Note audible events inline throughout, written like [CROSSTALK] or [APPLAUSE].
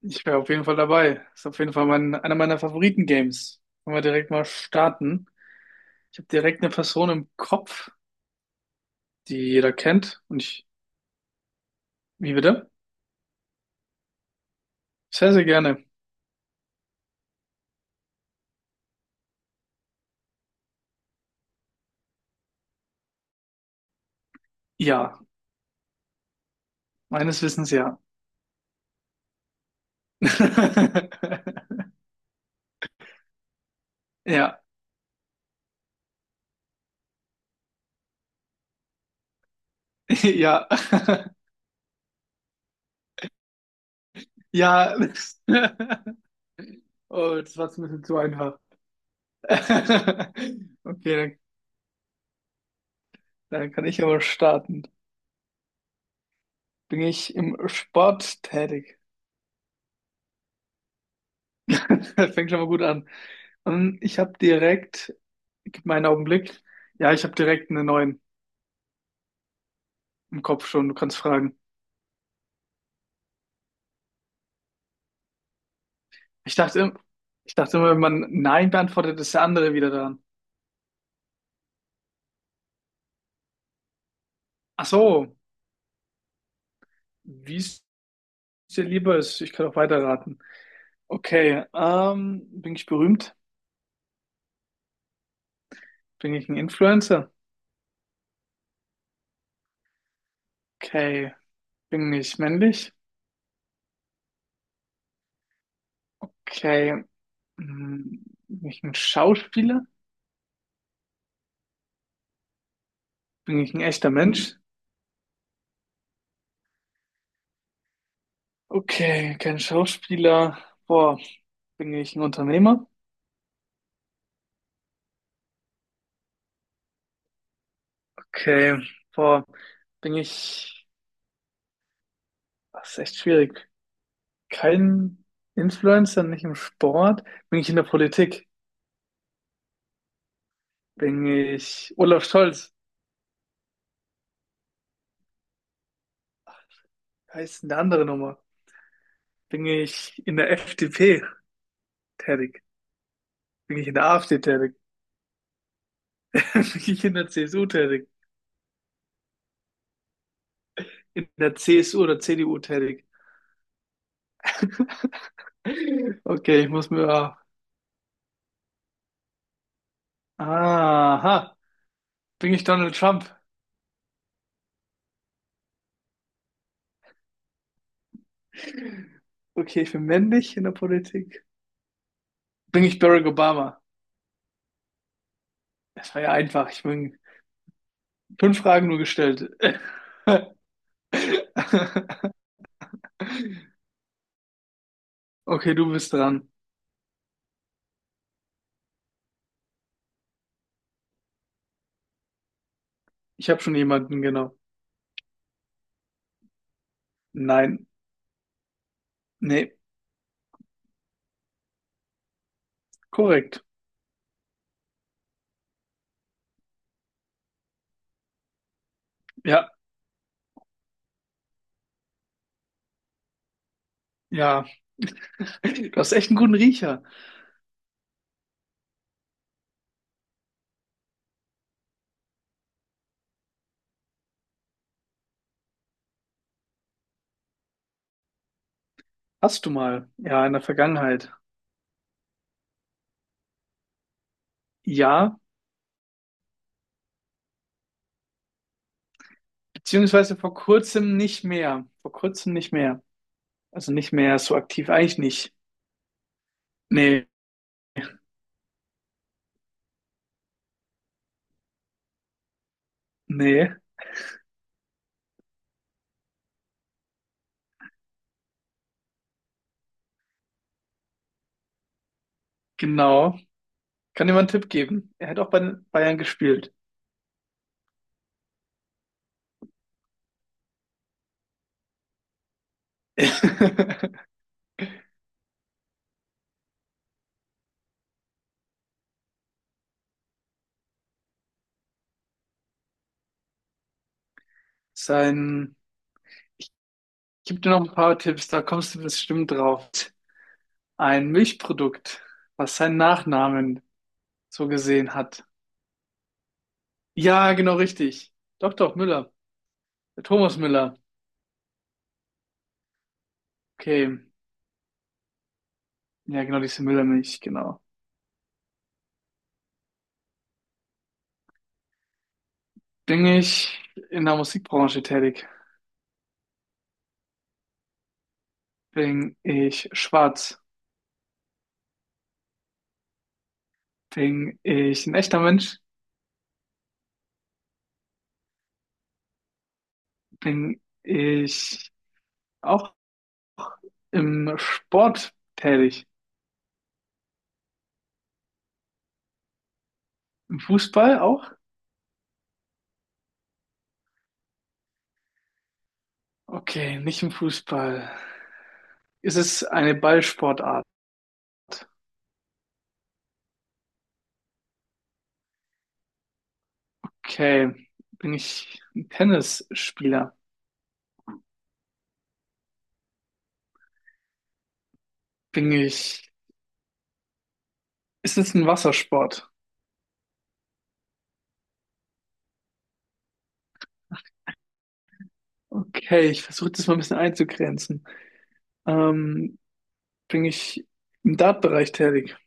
Ich wäre auf jeden Fall dabei. Ist auf jeden Fall einer meiner Favoriten-Games. Können wir direkt mal starten. Ich habe direkt eine Person im Kopf, die jeder kennt. Wie bitte? Sehr, sehr gerne. Ja, meines Wissens ja. [LAUGHS] Ja, [LAUGHS] ja, [LAUGHS] ja. [LAUGHS] Oh, das war jetzt ein bisschen zu einfach. [LAUGHS] Okay, dann kann ich aber starten. Bin ich im Sport tätig? [LAUGHS] Fängt schon mal gut an. Ich habe direkt Gib mir einen Augenblick. Ja, ich habe direkt einen neuen im Kopf schon. Du kannst fragen. Ich dachte, im- Ich dachte immer, wenn man Nein beantwortet, ist der andere wieder dran. Ach so, wie es dir lieber ist. Ich kann auch weiterraten. Okay, bin ich berühmt? Bin ich ein Influencer? Okay, bin ich männlich? Okay, bin ich ein Schauspieler? Bin ich ein echter Mensch? Okay, kein Schauspieler. Boah, bin ich ein Unternehmer? Okay, boah, bin ich Das ist echt schwierig. Kein Influencer, nicht im Sport. Bin ich in der Politik? Bin ich Olaf Scholz? Heißt eine andere Nummer. Bin ich in der FDP tätig? Bin ich in der AfD tätig? [LAUGHS] Bin ich in der CSU tätig? In der CSU oder CDU tätig? Okay, ich muss mir. Aha. Bin ich Donald Trump? Okay, ich bin männlich in der Politik. Bin ich Barack Obama? Das war ja einfach. Ich bin fünf Fragen nur gestellt. [LAUGHS] Okay, du bist dran. Ich habe schon jemanden, genau. Nein, nee, korrekt. Ja, ja. [LAUGHS] Du hast echt einen guten Riecher. Hast du mal? Ja, in der Vergangenheit. Ja, beziehungsweise vor kurzem nicht mehr. Vor kurzem nicht mehr. Also nicht mehr so aktiv, eigentlich nicht. Nee, nee, genau. Kann dir mal einen Tipp geben. Er hat auch bei den Bayern gespielt. [LAUGHS] Sein, gib dir noch ein paar Tipps, da kommst du bestimmt drauf. Ein Milchprodukt. Was ist sein Nachname? So gesehen hat. Ja, genau richtig. Doch, doch, Müller. Der Thomas Müller. Okay. Ja, genau, diese Müllermilch, genau. Bin ich in der Musikbranche tätig? Bin ich schwarz? Bin ich ein echter Mensch? Bin ich auch im Sport tätig? Im Fußball auch? Okay, nicht im Fußball. Ist es eine Ballsportart? Okay. Bin ich ein Tennisspieler? Bin ich... Ist es ein Wassersport? Okay, ich versuche das mal ein bisschen einzugrenzen. Ähm, bin ich im Dartbereich tätig?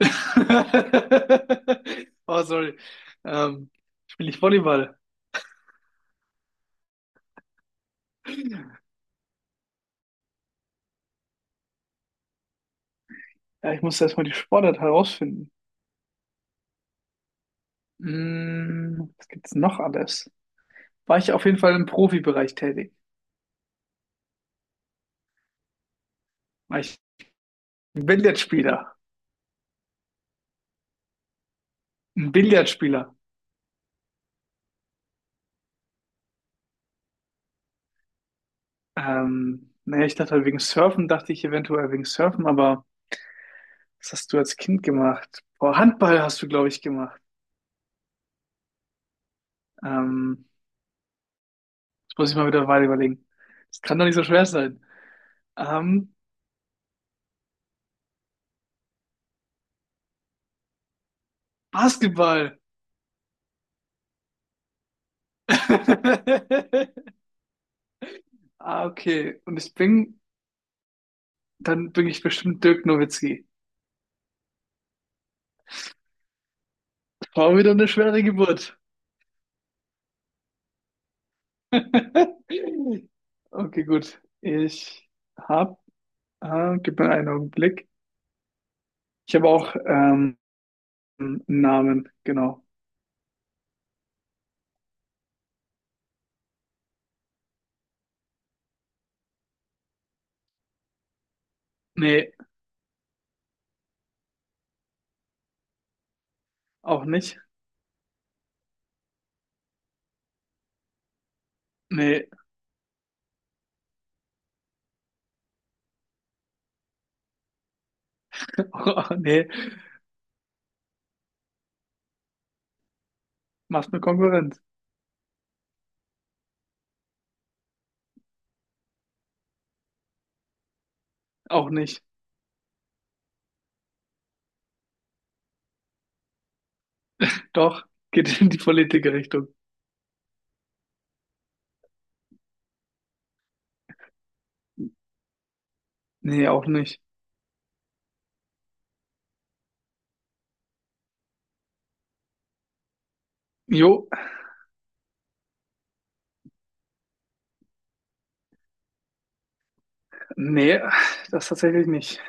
[LAUGHS] Oh, sorry. Ähm, spiele ich Volleyball? Ja, ich muss erstmal die Sportart herausfinden. Hm, was gibt's noch alles? War ich auf jeden Fall im Profibereich tätig? War ich ein Billardspieler? Ein Billardspieler? Naja, ich dachte halt wegen Surfen, dachte ich eventuell wegen Surfen, aber was hast du als Kind gemacht? Boah, Handball hast du, glaube ich, gemacht. Ähm, Muss ich mal wieder weiter überlegen. Das kann doch nicht so schwer sein. Ähm, Basketball. [LAUGHS] Ah, okay. Und dann bin ich bestimmt Dirk Nowitzki. War wieder eine schwere Geburt. [LAUGHS] Okay, gut. Hab, Gib mir einen Augenblick. Ich habe auch einen Namen, genau. Nee, auch nicht. Nee, [LAUGHS] oh, nee, machst mir Konkurrenz. Auch nicht. Doch, geht in die Politikerrichtung. Nee, auch nicht. Jo, nee, das tatsächlich nicht.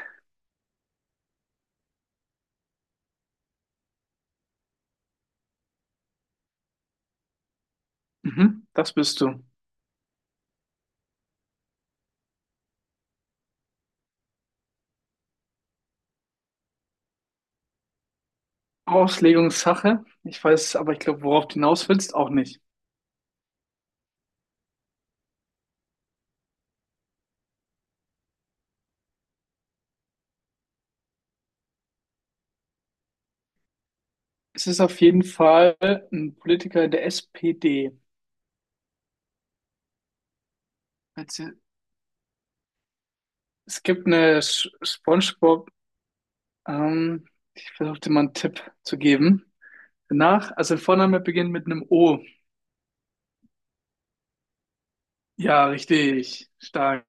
Mhm, das bist du. Auslegungssache. Ich weiß aber, ich glaube, worauf du hinaus willst, auch nicht. Es ist auf jeden Fall ein Politiker der SPD. Also, es gibt eine Sch- SpongeBob, ähm, ich versuche dir mal einen Tipp zu geben. Danach, also der Vorname beginnt mit einem O. Ja, richtig. Stark.